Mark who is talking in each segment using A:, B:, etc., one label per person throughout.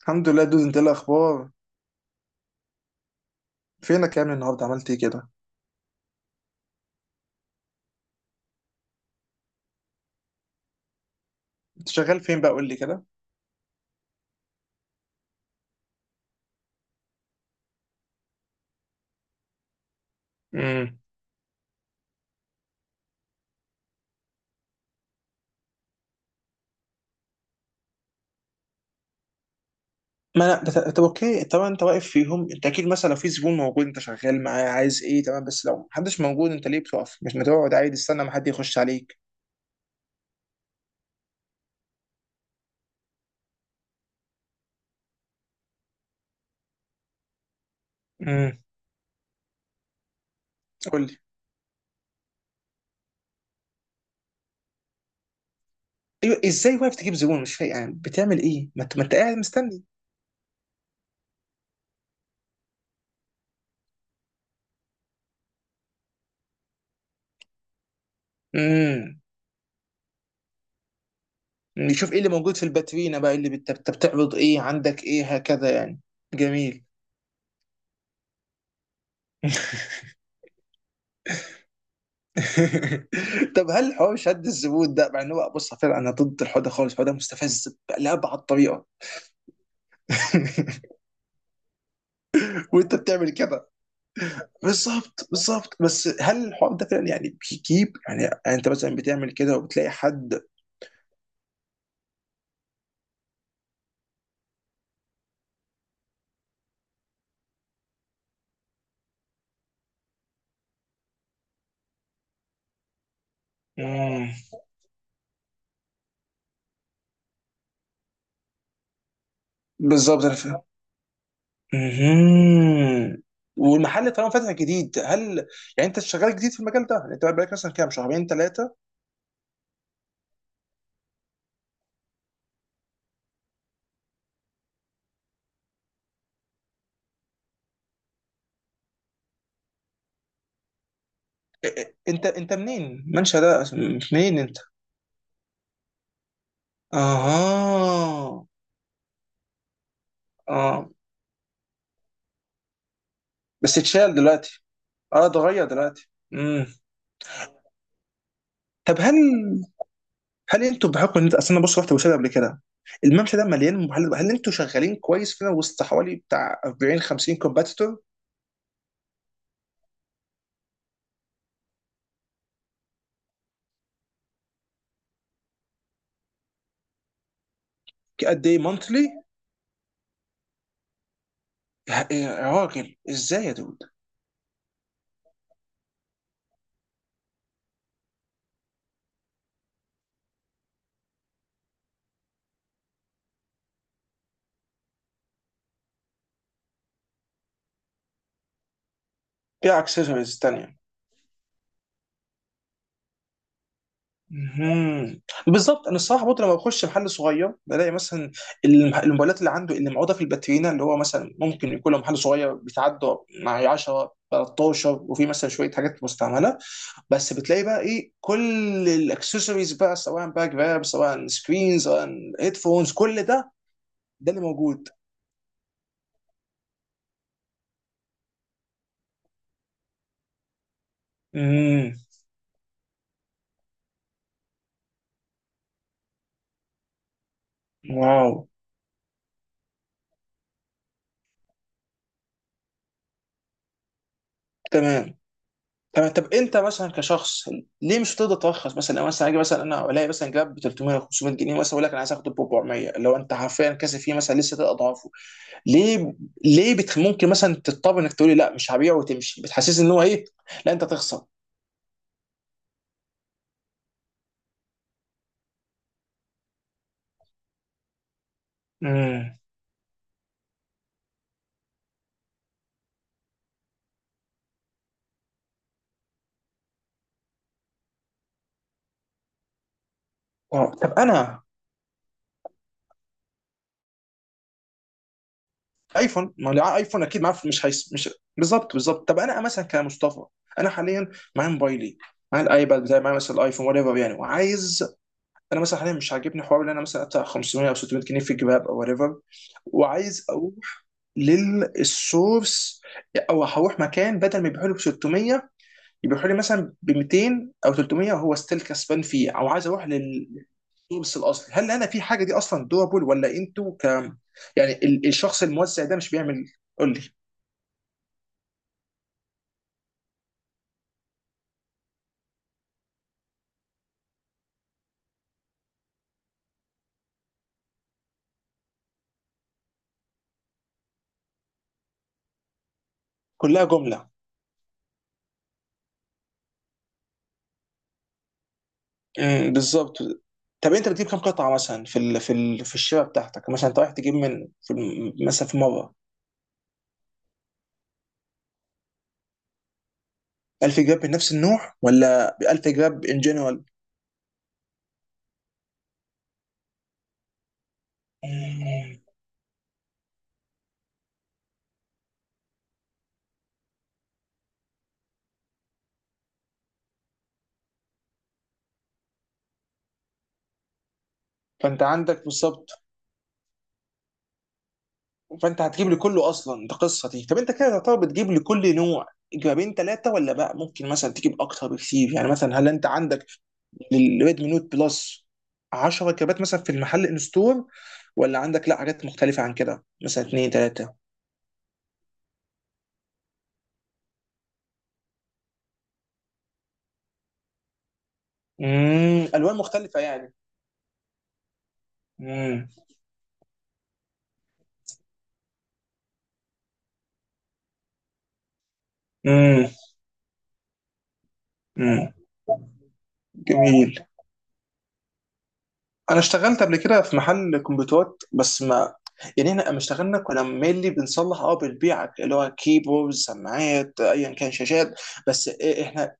A: الحمد لله دوز، انت ايه الاخبار؟ فينك يا ابني؟ النهارده عملت ايه كده؟ انت شغال فين بقى؟ قول لي كده. امم ما انا بت- طب اوكي، طبعا انت واقف فيهم، انت اكيد مثلا لو في زبون موجود انت شغال معاه عايز ايه، تمام. بس لو محدش موجود انت ليه بتقف؟ مش ما تقعد عادي، استنى ما حد يخش عليك. امم قول لي. ايوه، ازاي واقف تجيب زبون؟ مش فاهم يعني بتعمل ايه، ما انت قاعد مستني. امم نشوف ايه اللي موجود في الباترينا بقى، ايه اللي بتعرض، ايه عندك، ايه هكذا يعني. جميل. طب هل حوار شد الزبون ده، مع ان هو بص فعلا انا ضد الحوار ده خالص، الحوار ده مستفز لأبعد طريقه. وانت بتعمل كده. بالظبط بالظبط. بس هل الحوار ده فعلا يعني بيجيب؟ يعني يعني انت مثلا بتعمل كده وبتلاقي حد؟ مم. بالظبط، انا فاهم. مهم. والمحل طالما فاتح جديد هل، يعني انت شغال جديد في المجال ده؟ يعني انت بقالك مثلا كام، شهرين ثلاثه؟ انت منين؟ منشأ ده منين انت؟ اها. اه. بس اتشال دلوقتي؟ اه، اتغير دلوقتي. طب هل، هل انتوا بحكم ان انت اصل، انا بص رحت بوسادة قبل كده، الممشى ده مليان محلات، هل انتوا شغالين كويس فينا وسط حوالي بتاع 40 50 كومباتيتور؟ قد ايه مونثلي؟ يا راجل، ازاي يا دود؟ ايه، اكسسوارز تانية؟ مهم. بالظبط. انا الصراحه برضه لما بخش محل صغير بلاقي مثلا الموبايلات اللي عنده، اللي معوضه في الباترينا، اللي هو مثلا ممكن يكون له محل صغير بيتعدى مع 10 13، وفي مثلا شويه حاجات مستعمله. بس بتلاقي بقى ايه؟ كل الاكسسوارز بقى، سواء باك، جراب، سواء سكرين، سواء هيدفونز، كل ده ده اللي موجود. امم واو. تمام تمام. طب انت مثلا كشخص ليه مش هتقدر ترخص؟ مثلا لو مثلا اجي مثلا انا الاقي مثلا جراب ب 300 500 جنيه، مثلا اقول لك انا عايز اخده ب 400، لو انت حرفيا كاسب فيه مثلا لسه ثلاث اضعافه. ليه؟ ممكن مثلا تضطر انك تقولي لا مش هبيعه وتمشي، بتحسسني ان هو ايه، لا انت تخسر. امم واو. طب انا، ايفون، ما هو اللي معاه ايفون اكيد معاه، مش هيس مش. بالظبط بالظبط. طب انا مثلا كمصطفى، انا حاليا معايا موبايلي، معايا الايباد بتاعي، معايا مثلا الايفون، وات ايفر يعني. وعايز، انا مثلا حاليا مش عاجبني حوار ان انا مثلا ادفع 500 او 600 جنيه في جباب او وات ايفر، وعايز اروح للسورس، او هروح مكان بدل ما يبيعوا لي ب 600 يبيعوا لي مثلا ب 200 او 300، وهو ستيل كسبان فيه. او عايز اروح لل... تورس الاصل، هل انا في حاجه دي اصلا دوبل ولا انتوا ك، يعني الشخص الموزع ده مش بيعمل؟ قول لي. كلها جمله. بالظبط. طب انت بتجيب كام قطعه مثلا في في الشبكه بتاعتك؟ مثلا انت رايح تجيب من في مثلا في مره 1000 جراب من نفس النوع، ولا 1000 جراب ان جنرال؟ فانت عندك بالظبط. فانت هتجيب لي كله اصلا؟ ده قصه دي. طب انت كده تعتبر بتجيب لكل نوع جرابين ثلاثه، ولا بقى ممكن مثلا تجيب اكتر بكتير؟ يعني مثلا هل انت عندك للريدمي نوت بلس 10 كابات مثلا في المحل ان ستور، ولا عندك لا حاجات مختلفه عن كده مثلا اثنين ثلاثه؟ الوان مختلفه يعني. امم امم امم جميل. انا اشتغلت قبل كده في محل كمبيوترات، بس ما، يعني احنا لما اشتغلنا كنا مينلي بنصلح، اه بنبيع اللي هو كيبوردز، سماعات، ايا كان، شاشات. بس احنا،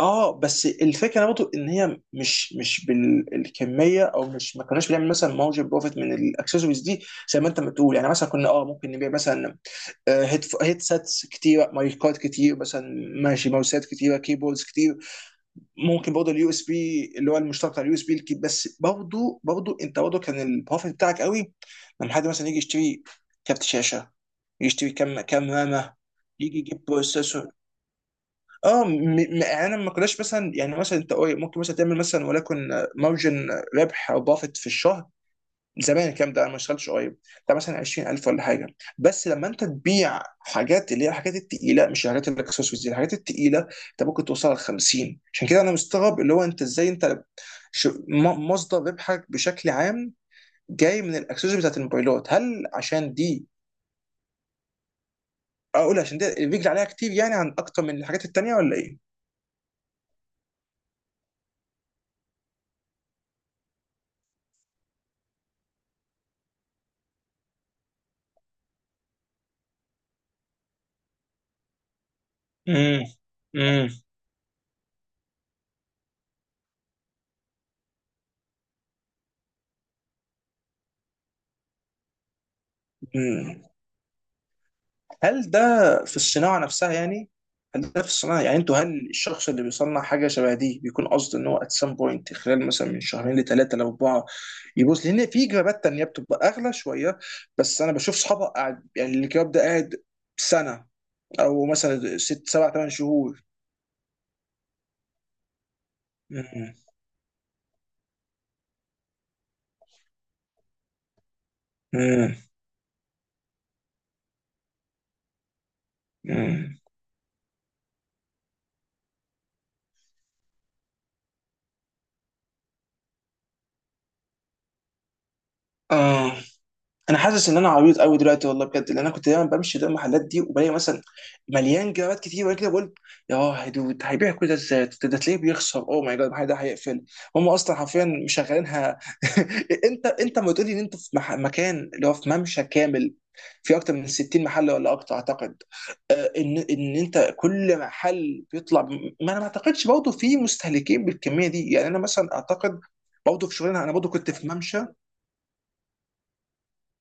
A: اه، بس الفكره برضه ان هي مش بالكميه، او مش ما كناش بنعمل مثلا مارجن بروفيت من الاكسسوارز دي زي ما انت بتقول. يعني مثلا كنا اه ممكن نبيع مثلا هيدسيتس كتيره، مايكات كتير مثلا، ماشي، ماوسات كتيره، كيبوردز كتير. ممكن برضه اليو اس بي اللي هو المشترك بتاع اليو اس بي. بس برضه برضه انت برضه كان البروفيت بتاعك قوي لما حد مثلا يجي يشتري كارت شاشه، يشتري كام رامه، يجي يجيب بروسيسور. اه م- م- يعني انا ما كناش مثلا، يعني مثلا انت ممكن مثلا تعمل مثلا، ولكن مارجن ربح او بافت في الشهر، زمان الكلام ده انا ما اشتغلتش قريب، ده مثلا 20,000 ولا حاجه. بس لما انت تبيع حاجات اللي هي الحاجات التقيله، مش الحاجات الاكسسوارز دي، الحاجات التقيله، انت ممكن توصل ل 50. عشان كده انا مستغرب اللي هو انت ازاي انت، مصدر ربحك بشكل عام جاي من الاكسسوارز بتاعت الموبايلات، هل عشان دي، اقول عشان دي الرجل عليها كتير، يعني عن اكتر من الحاجات التانيه، ولا ايه؟ امم امم هل ده في الصناعة نفسها يعني؟ هل ده في الصناعة، يعني انتوا، هل الشخص اللي بيصنع حاجة شبه دي بيكون قصده ان هو at some point خلال مثلا من شهرين لثلاثة لأربعة يبوظ؟ لأن في جرابات تانية بتبقى أغلى شوية، بس أنا بشوف صحابها قاعد، يعني الجراب ده قاعد سنة، أو مثلا ست سبع ثمان شهور. مم. مم. مم. اه، انا حاسس ان انا عبيط قوي دلوقتي والله بجد، لان انا كنت دايما بمشي قدام المحلات دي وبلاقي مثلا مليان جرابات كتير، وانا كده بقول يا دود هيبيع كل ده ازاي؟ ده ده تلاقيه بيخسر. اوه ماي جاد، المحل ده هيقفل. هم اصلا حرفيا مشغلينها. انت ما تقولي ان انت في مكان اللي هو في ممشى كامل، في اكتر من 60 محل ولا اكتر اعتقد، ان انت كل محل بيطلع ما انا ما اعتقدش برضه في مستهلكين بالكميه دي، يعني انا مثلا اعتقد برضه في شغلنا، انا برضه كنت في ممشى.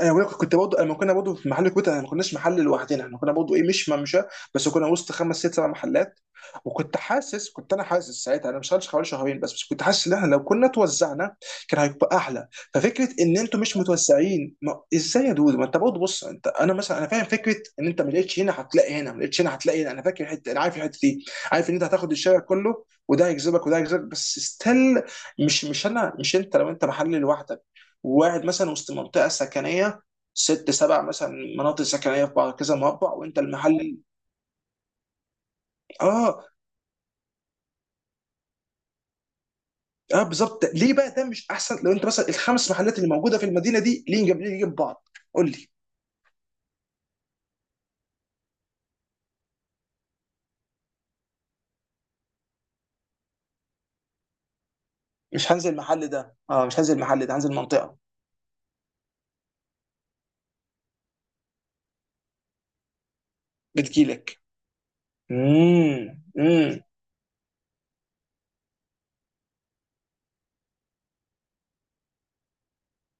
A: انا بقولك كنت برضه لما كنا برضه في محل كويت، احنا ما كناش محل لوحدنا، احنا كنا برضه ايه، مش ممشى، بس كنا وسط خمس ست سبع محلات، وكنت حاسس، كنت انا حاسس ساعتها، انا مش شغال حوالي شهرين بس، بس كنت حاسس ان احنا لو كنا توزعنا كان هيبقى احلى. ففكره ان انتوا مش متوزعين، ما ازاي يا دود؟ ما انت برضه بص، انت انا مثلا انا فاهم فكره ان انت ما لقيتش هنا هتلاقي هنا، ما لقيتش هنا هتلاقي هنا، انا فاكر الحته، انا عارف الحته دي، عارف ان انت هتاخد الشارع كله، وده هيجذبك وده هيجذبك. بس ستيل، مش انا مش، انت لو انت محل لوحدك، وواحد مثلا وسط منطقه سكنيه، ست سبع مثلا مناطق سكنيه في بعض كذا مربع، وانت المحل. اه. اه بالظبط، ليه بقى ده مش احسن لو انت مثلا الخمس محلات اللي موجوده في المدينه دي، ليه جنب، ليه جنب بعض؟ قول لي. مش هنزل المحل ده، اه مش هنزل المحل ده، هنزل منطقه. بتجيلك. امم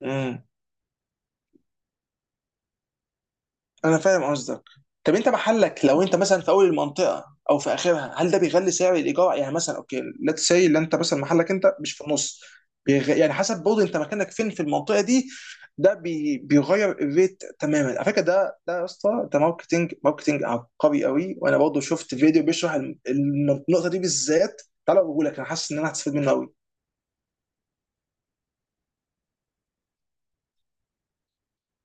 A: امم انا فاهم قصدك. طب انت محلك لو انت مثلا في اول المنطقه او في اخرها، هل ده بيغلي سعر الايجار؟ يعني مثلا اوكي ليتس سي، اللي انت مثلا محلك انت مش في النص، يعني حسب برضه انت مكانك فين في المنطقه دي، بيغير الريت تماما، على فكره ده ده يا اسطى ده ماركتنج، ماركتنج عبقري قوي. وانا برضه شفت فيديو بيشرح النقطه دي بالذات، تعالى اقول لك، انا حاسس ان انا هستفيد منه قوي.